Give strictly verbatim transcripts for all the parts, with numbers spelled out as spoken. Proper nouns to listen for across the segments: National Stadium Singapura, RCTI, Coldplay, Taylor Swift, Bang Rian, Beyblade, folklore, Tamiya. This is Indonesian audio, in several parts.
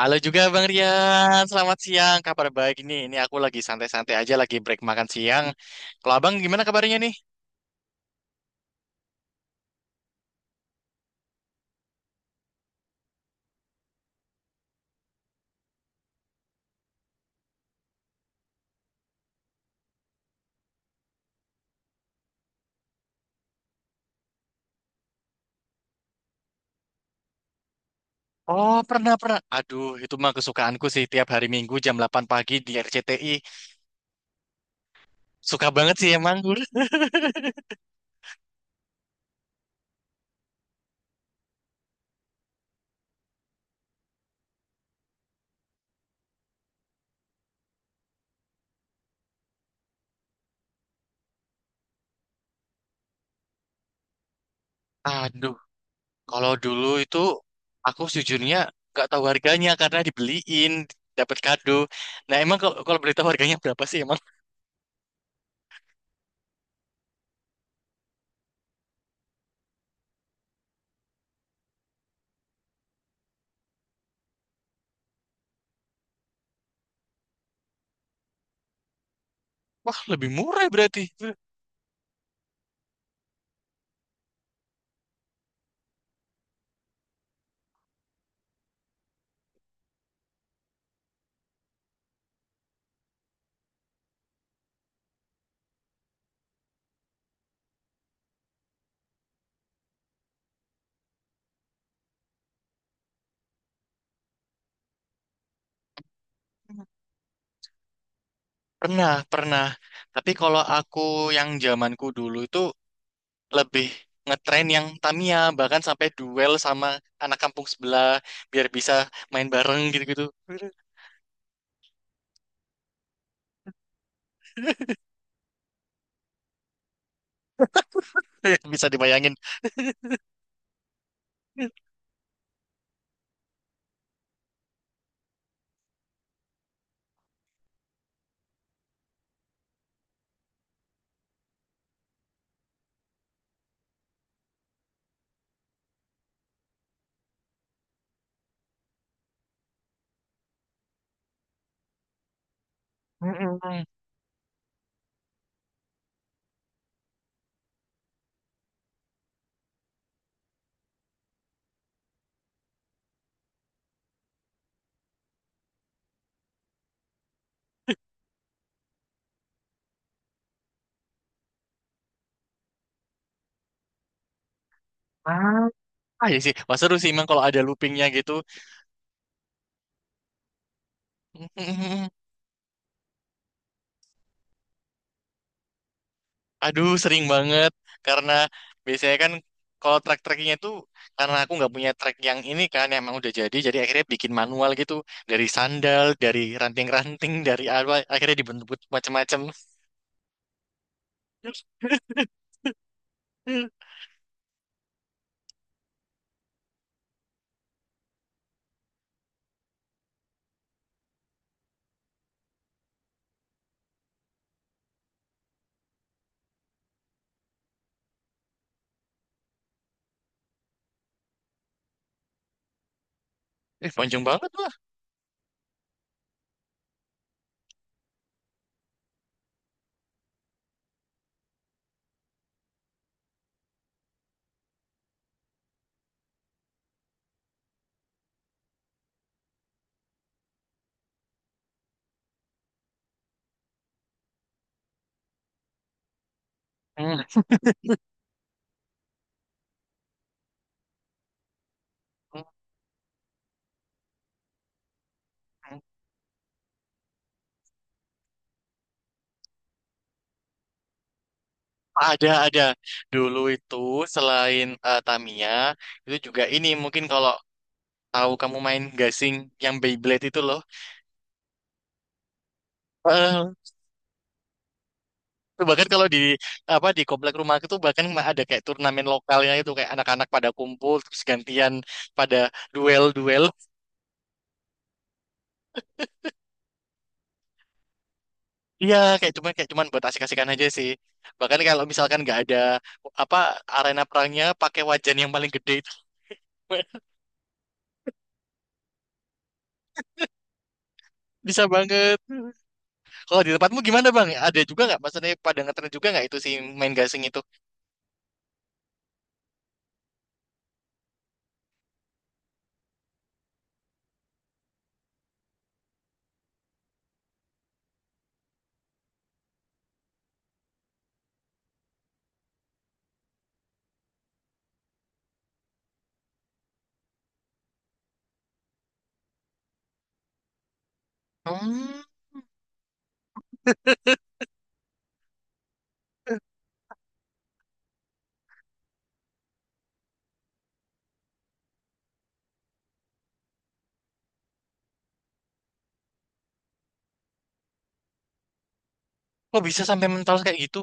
Halo juga Bang Rian, selamat siang. Kabar baik ini, ini aku lagi santai-santai aja, lagi break makan siang. Kalau Abang gimana kabarnya nih? Oh, pernah, pernah. Aduh, itu mah kesukaanku sih tiap hari Minggu jam delapan pagi di R C T I. Suka banget sih emang. Aduh, kalau dulu itu aku sejujurnya nggak tahu harganya karena dibeliin, dapat kado. Nah, emang kalau kalau beritahu harganya berapa sih emang? Wah, lebih murah berarti. Pernah, pernah. Tapi kalau aku yang zamanku dulu itu lebih ngetren yang Tamiya bahkan sampai duel sama anak kampung sebelah biar bisa main bareng gitu-gitu. Bisa dibayangin. Mm-mm. Ah, ah, ya sih, wah seru sih emang kalau ada loopingnya gitu. Mm-mm. Aduh, sering banget karena biasanya kan kalau track-tracknya itu, karena aku nggak punya track yang ini kan yang emang udah jadi jadi akhirnya bikin manual gitu, dari sandal, dari ranting-ranting, dari apa, akhirnya dibentuk macam-macam. Eh, panjang banget lah. Mhm. Ada, ada. Dulu itu selain eh, Tamiya, itu juga ini mungkin kalau tahu kamu main gasing yang Beyblade itu loh. Eh, itu bahkan kalau di apa di komplek rumah itu bahkan ada kayak turnamen lokalnya, itu kayak anak-anak pada kumpul terus gantian pada duel-duel. Iya, kayak cuman kayak cuman buat asik-asikan aja sih. Bahkan kalau misalkan nggak ada apa, arena perangnya pakai wajan yang paling gede itu. Bisa banget. Kalau di tempatmu gimana bang? Ada juga nggak? Maksudnya pada ngetren juga nggak itu si main gasing itu? Hmm, kok bisa sampai mental kayak gitu?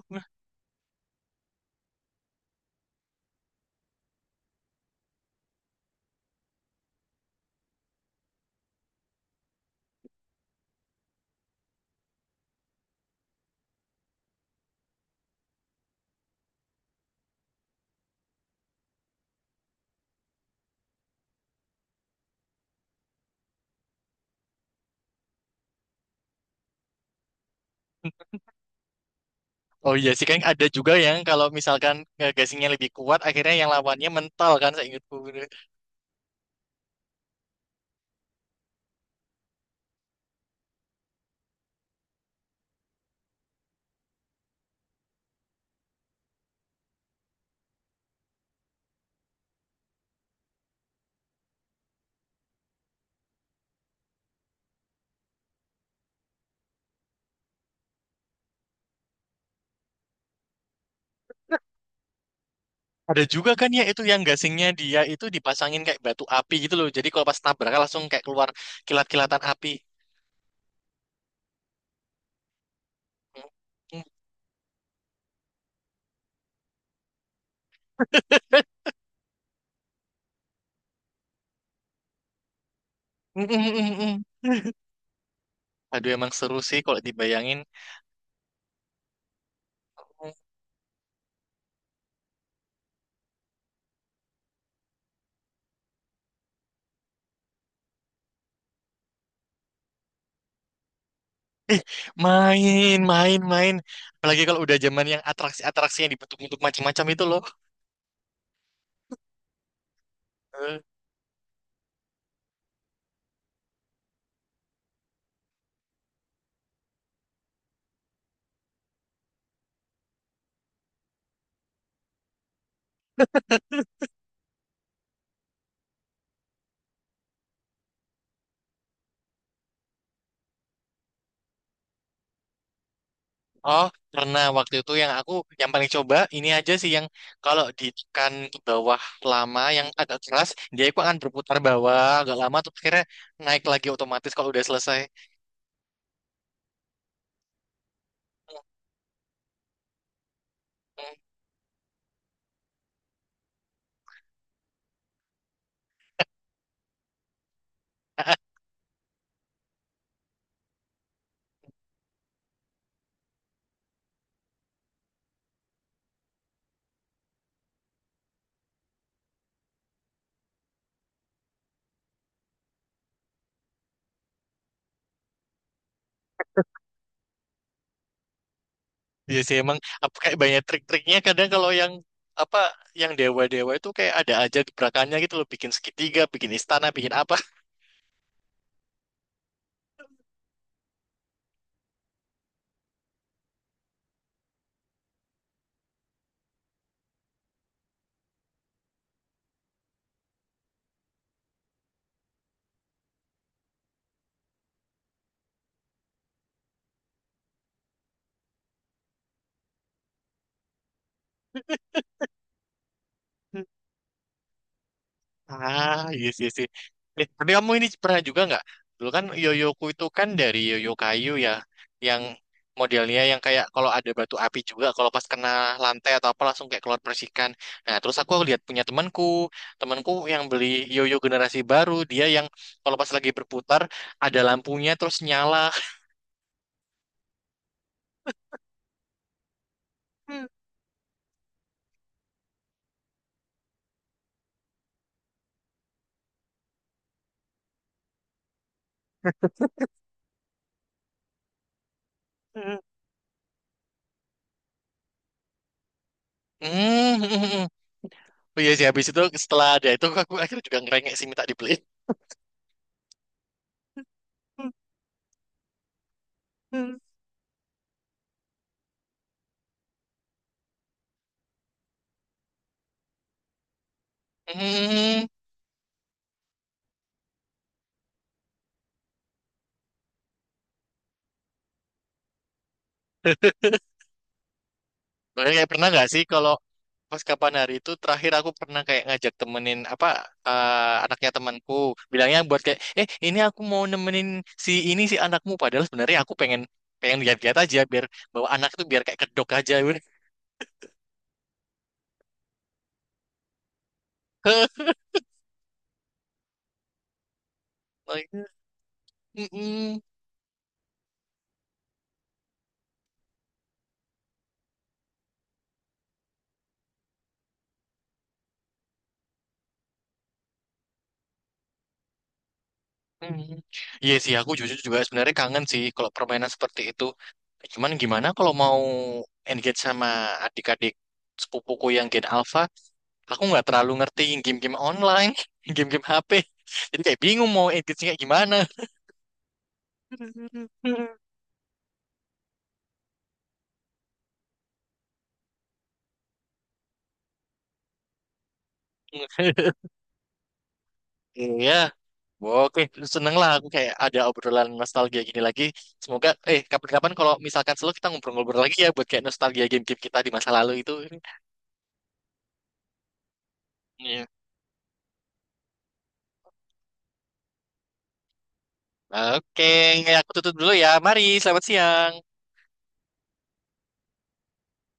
Oh iya sih, kan ada juga yang kalau misalkan eh, gasingnya lebih kuat, akhirnya yang lawannya mental kan, saya ingatku. Ada juga kan ya itu yang gasingnya dia itu dipasangin kayak batu api gitu loh. Jadi kalau pas nabrak langsung kayak keluar kilat-kilatan api. Aduh, emang seru sih kalau dibayangin. Main, main, main. Apalagi kalau udah zaman yang atraksi-atraksi yang dibentuk-bentuk macam-macam itu loh. Eh, Oh, karena waktu itu yang aku, yang paling coba ini aja sih, yang kalau ditekan ke bawah lama yang agak keras, dia itu akan berputar bawah agak lama terus akhirnya naik lagi otomatis kalau udah selesai. Iya sih emang, apa, kayak banyak trik-triknya. Kadang kalau yang apa, yang dewa-dewa itu kayak ada aja gebrakannya gitu loh, bikin segitiga, bikin istana, bikin apa. Ah, iya sih, iya sih. Eh, tapi kamu ini pernah juga nggak? Dulu kan yoyoku itu kan dari yoyo kayu ya, yang modelnya yang kayak kalau ada batu api juga, kalau pas kena lantai atau apa langsung kayak keluar percikan. Nah, terus aku lihat punya temanku, temanku yang beli yoyo generasi baru, dia yang kalau pas lagi berputar ada lampunya terus nyala. Hmm, hmm, hmm. Oh iya sih, habis itu setelah ada itu aku akhirnya juga ngerengek sih minta dibeliin. Hmm. Makanya kayak pernah nggak sih kalau pas kapan hari itu terakhir aku pernah kayak ngajak temenin apa, eh, anaknya temanku, bilangnya buat kayak eh ini aku mau nemenin si ini si anakmu, padahal sebenarnya aku pengen pengen lihat-lihat aja, biar bawa anak itu biar kayak kedok aja. Mm. Hmm. Iya sih, aku jujur juga sebenarnya kangen sih kalau permainan seperti itu. Cuman gimana kalau mau engage sama adik-adik sepupuku yang Gen Alpha, aku nggak terlalu ngerti game-game online, game-game H P. Jadi kayak bingung mau engage kayak gimana. Iya, oke, seneng lah aku kayak ada obrolan nostalgia gini lagi. Semoga, eh kapan-kapan kalau misalkan selalu kita ngobrol-ngobrol lagi ya, buat kayak nostalgia game-game kita di masa lalu itu. Iya. Oke, aku tutup dulu ya. Mari, selamat siang.